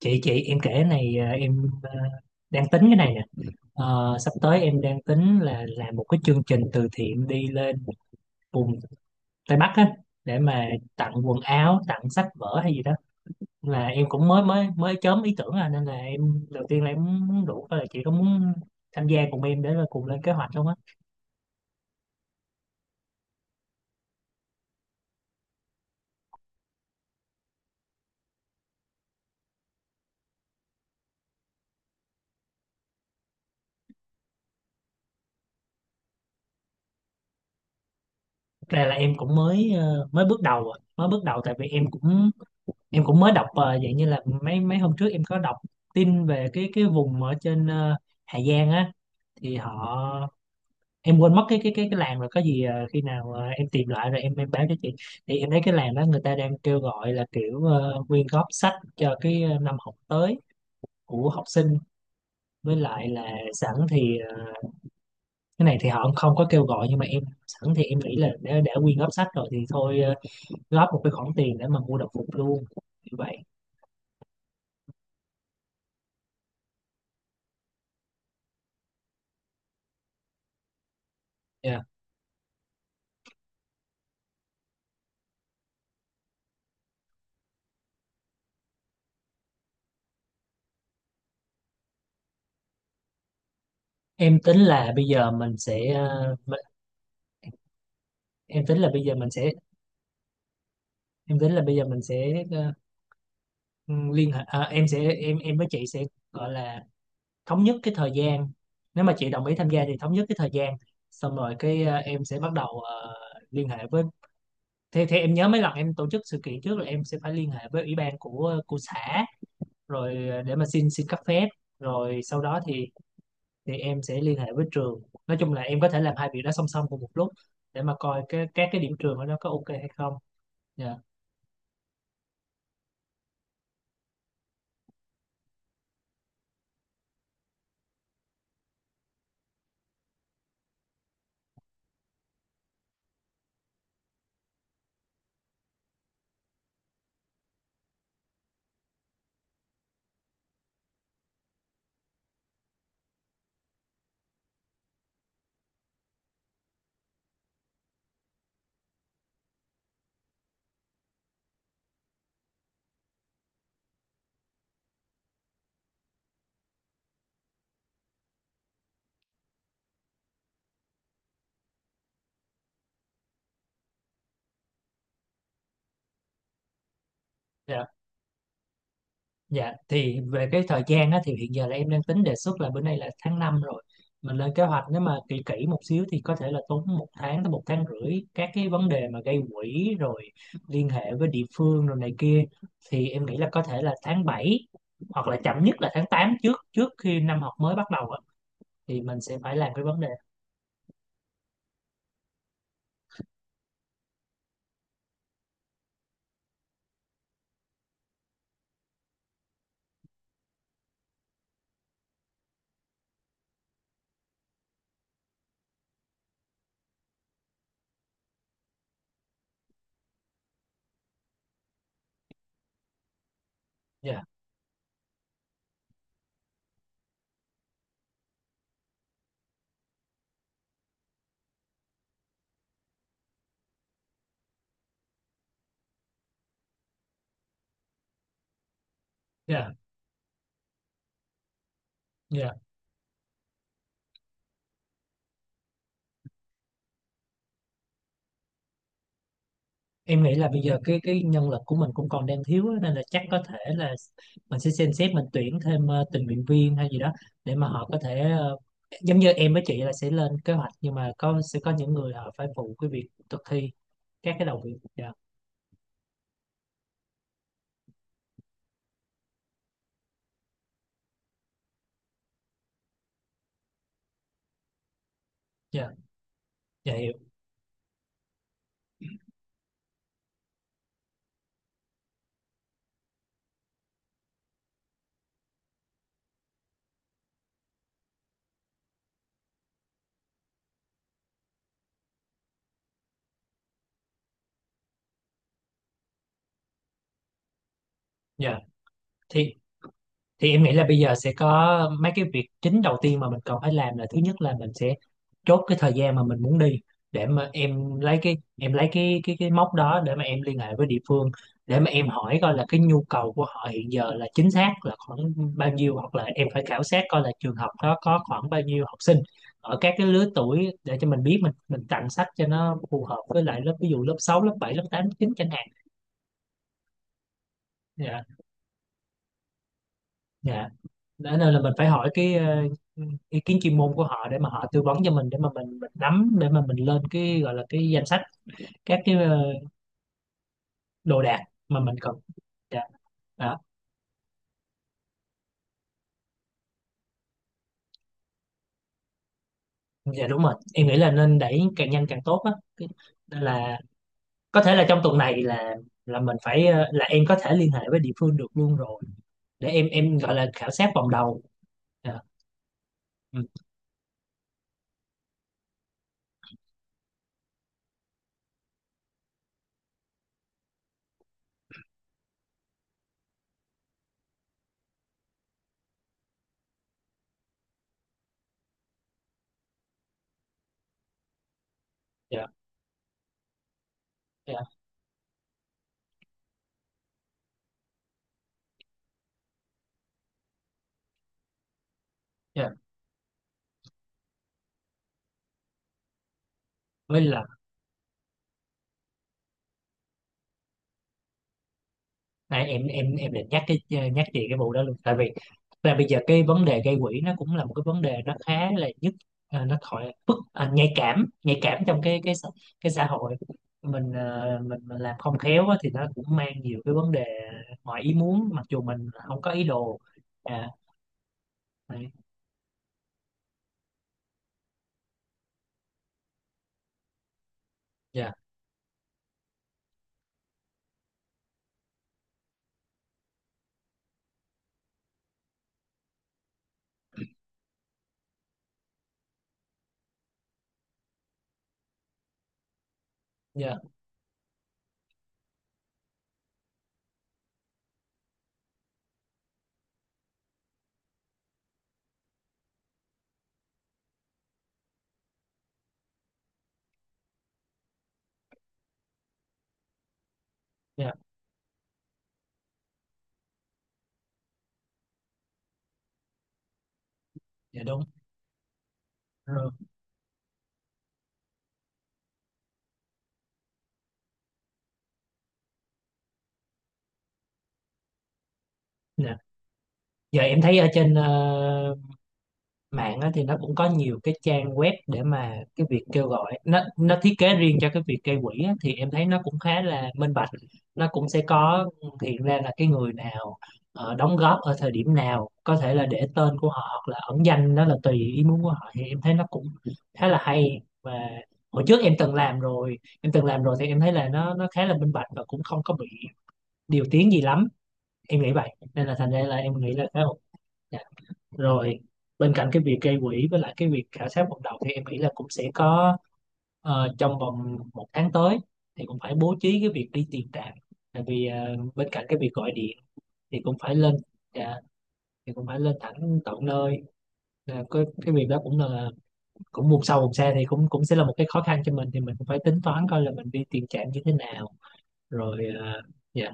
Chị, em kể này à, em à, đang tính cái này nè. Sắp tới em đang tính là làm một cái chương trình từ thiện đi lên vùng Tây Bắc á, để mà tặng quần áo, tặng sách vở hay gì đó. Là em cũng mới mới mới chớm ý tưởng à, nên là em đầu tiên là em muốn rủ coi là chị có muốn tham gia cùng em để là cùng lên kế hoạch không á. Thật ra là em cũng mới bước đầu à. Mới bước đầu, tại vì em cũng mới đọc dạng như là mấy mấy hôm trước em có đọc tin về cái vùng ở trên, Hà Giang á, thì họ Em quên mất cái làng rồi. Có gì khi nào em tìm lại rồi em báo cho chị. Thì em thấy cái làng đó người ta đang kêu gọi là kiểu quyên góp sách cho cái, năm học tới của học sinh. Với lại là sẵn thì cái này thì họ không có kêu gọi, nhưng mà em sẵn thì em nghĩ là đã quyên góp sách rồi thì thôi, góp một cái khoản tiền để mà mua đồng phục luôn, như vậy. Dạ. em tính là bây giờ mình sẽ ờ, em tính là bây giờ mình sẽ Em tính là bây giờ mình sẽ Ừ, liên hệ à, em sẽ em với chị sẽ, gọi là, thống nhất cái thời gian. Nếu mà chị đồng ý tham gia thì thống nhất cái thời gian, xong rồi cái, em sẽ bắt đầu, liên hệ với thế thế em nhớ mấy lần em tổ chức sự kiện trước là em sẽ phải liên hệ với ủy ban của xã, rồi, để mà xin, cấp phép, rồi sau đó thì, em sẽ liên hệ với trường. Nói chung là em có thể làm hai việc đó song song cùng một lúc, để mà coi các cái điểm trường ở đó có ok hay không. Dạ. Dạ. Dạ, thì về cái thời gian á, thì hiện giờ là em đang tính đề xuất là bữa nay là tháng 5 rồi. Mình lên kế hoạch, nếu mà kỹ kỹ một xíu thì có thể là tốn một tháng tới 1 tháng rưỡi, các cái vấn đề mà gây quỹ rồi liên hệ với địa phương rồi này kia. Thì em nghĩ là có thể là tháng 7 hoặc là chậm nhất là tháng 8, trước trước khi năm học mới bắt đầu á, thì mình sẽ phải làm cái vấn đề. Dạ, dạ, dạ. Em nghĩ là bây giờ cái nhân lực của mình cũng còn đang thiếu á, nên là chắc có thể là mình sẽ xem xét mình tuyển thêm tình nguyện viên hay gì đó, để mà họ có thể giống như em với chị là sẽ lên kế hoạch, nhưng mà sẽ có những người họ phải phụ cái việc thực thi các cái đầu việc. Dạ. Dạ. Dạ hiểu. Dạ, thì thì em nghĩ là bây giờ sẽ có mấy cái việc chính đầu tiên mà mình cần phải làm, là thứ nhất là mình sẽ chốt cái thời gian mà mình muốn đi, để mà em lấy cái mốc đó để mà em liên hệ với địa phương, để mà em hỏi coi là cái nhu cầu của họ hiện giờ là chính xác là khoảng bao nhiêu, hoặc là em phải khảo sát coi là trường học đó có khoảng bao nhiêu học sinh ở các cái lứa tuổi, để cho mình biết mình tặng sách cho nó phù hợp với lại lớp, ví dụ lớp 6, lớp 7, lớp 8, lớp 9 chẳng hạn. Dạ. Dạ. Nên là mình phải hỏi cái ý kiến chuyên môn của họ để mà họ tư vấn cho mình, để mà mình nắm, để mà mình lên cái gọi là cái danh sách các cái, đồ đạc mà mình cần. Dạ, đó. Dạ, đúng rồi, em nghĩ là nên đẩy càng nhanh càng tốt á. Nên là có thể là trong tuần này là, em có thể liên hệ với địa phương được luôn rồi, để em gọi là khảo sát vòng đầu. Dạ. Ừ. Dạ. Dạ. Dạ. Với lại, này, em định nhắc cái, nhắc chị cái vụ đó luôn, tại vì là bây giờ cái vấn đề gây quỹ nó cũng là một cái vấn đề nó khá là nhức, nó thoại phức, nhạy cảm, nhạy cảm trong cái xã hội mình ờ, mình làm không khéo á, thì nó cũng mang nhiều cái vấn đề ngoài ý muốn, mặc dù mình không có ý đồ. À, đấy. Dạ. Dạ. Dạ. Dạ, đúng rồi. Dạ. Giờ em thấy ở trên, mạng á, thì nó cũng có nhiều cái trang web để mà cái việc kêu gọi, nó thiết kế riêng cho cái việc gây quỹ á, thì em thấy nó cũng khá là minh bạch. Nó cũng sẽ có hiện ra là cái người nào đóng góp ở thời điểm nào, có thể là để tên của họ hoặc là ẩn danh, đó là tùy ý muốn của họ, thì em thấy nó cũng khá là hay. Và hồi trước em từng làm rồi, thì em thấy là nó khá là minh bạch và cũng không có bị điều tiếng gì lắm, em nghĩ vậy. Nên là thành ra là em nghĩ là khá ổn. Rồi. Bên cạnh cái việc gây quỹ với lại cái việc khảo sát vận động, thì em nghĩ là cũng sẽ có, trong vòng 1 tháng tới thì cũng phải bố trí cái việc đi tiền trạm, tại vì bên cạnh cái việc gọi điện thì cũng phải lên. Dạ, thì cũng phải lên thẳng tận nơi. Là cái việc đó cũng vùng sâu vùng xa thì cũng cũng sẽ là một cái khó khăn cho mình, thì mình cũng phải tính toán coi là mình đi tiền trạm như thế nào, rồi, dạ.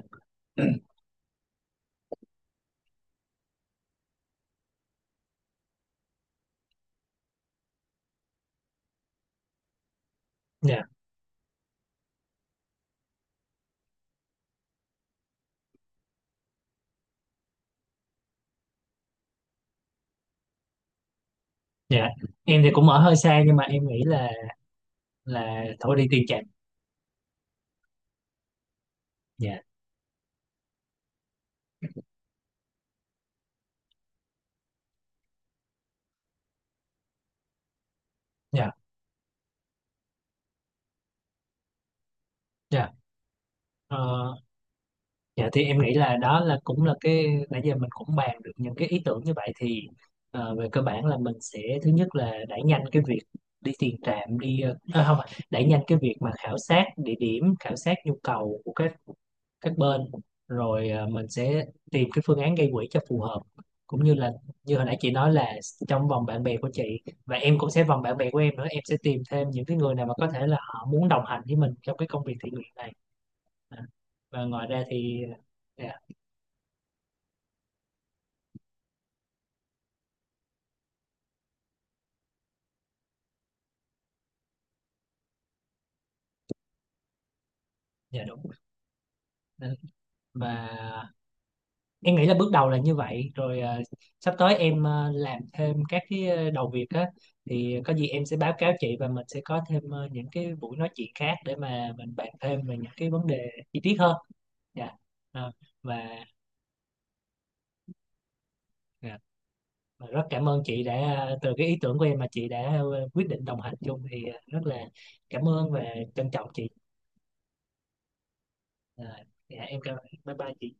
Dạ. Dạ. Em thì cũng ở hơi xa, nhưng mà em nghĩ là, thôi, đi tiền trạm. Dạ. Dạ. Dạ. Ờ, Dạ, thì em nghĩ là đó, là cũng là cái nãy giờ mình cũng bàn được những cái ý tưởng như vậy, thì về cơ bản là mình sẽ, thứ nhất là đẩy nhanh cái việc đi tiền trạm đi, không, đẩy nhanh cái việc mà khảo sát địa điểm, khảo sát nhu cầu của các bên, rồi mình sẽ tìm cái phương án gây quỹ cho phù hợp, cũng như là như hồi nãy chị nói là trong vòng bạn bè của chị, và em cũng sẽ vòng bạn bè của em nữa, em sẽ tìm thêm những cái người nào mà có thể là họ muốn đồng hành với mình trong cái công việc thiện nguyện này. À. Và ngoài ra thì, ờ, dạ, đúng. Ờ, và em nghĩ là bước đầu là như vậy rồi. Ờ, Sắp tới em làm thêm các cái, đầu việc á, thì có gì em sẽ báo cáo chị, và mình sẽ có thêm, những cái buổi nói chuyện khác để mà mình bàn thêm về những cái vấn đề chi tiết hơn. Dạ. Ờ, và Dạ. Và rất cảm ơn chị đã, từ cái ý tưởng của em mà chị đã, quyết định đồng hành chung, thì rất là cảm ơn và trân trọng chị. Ờ, dạ, em cảm bye bye chị.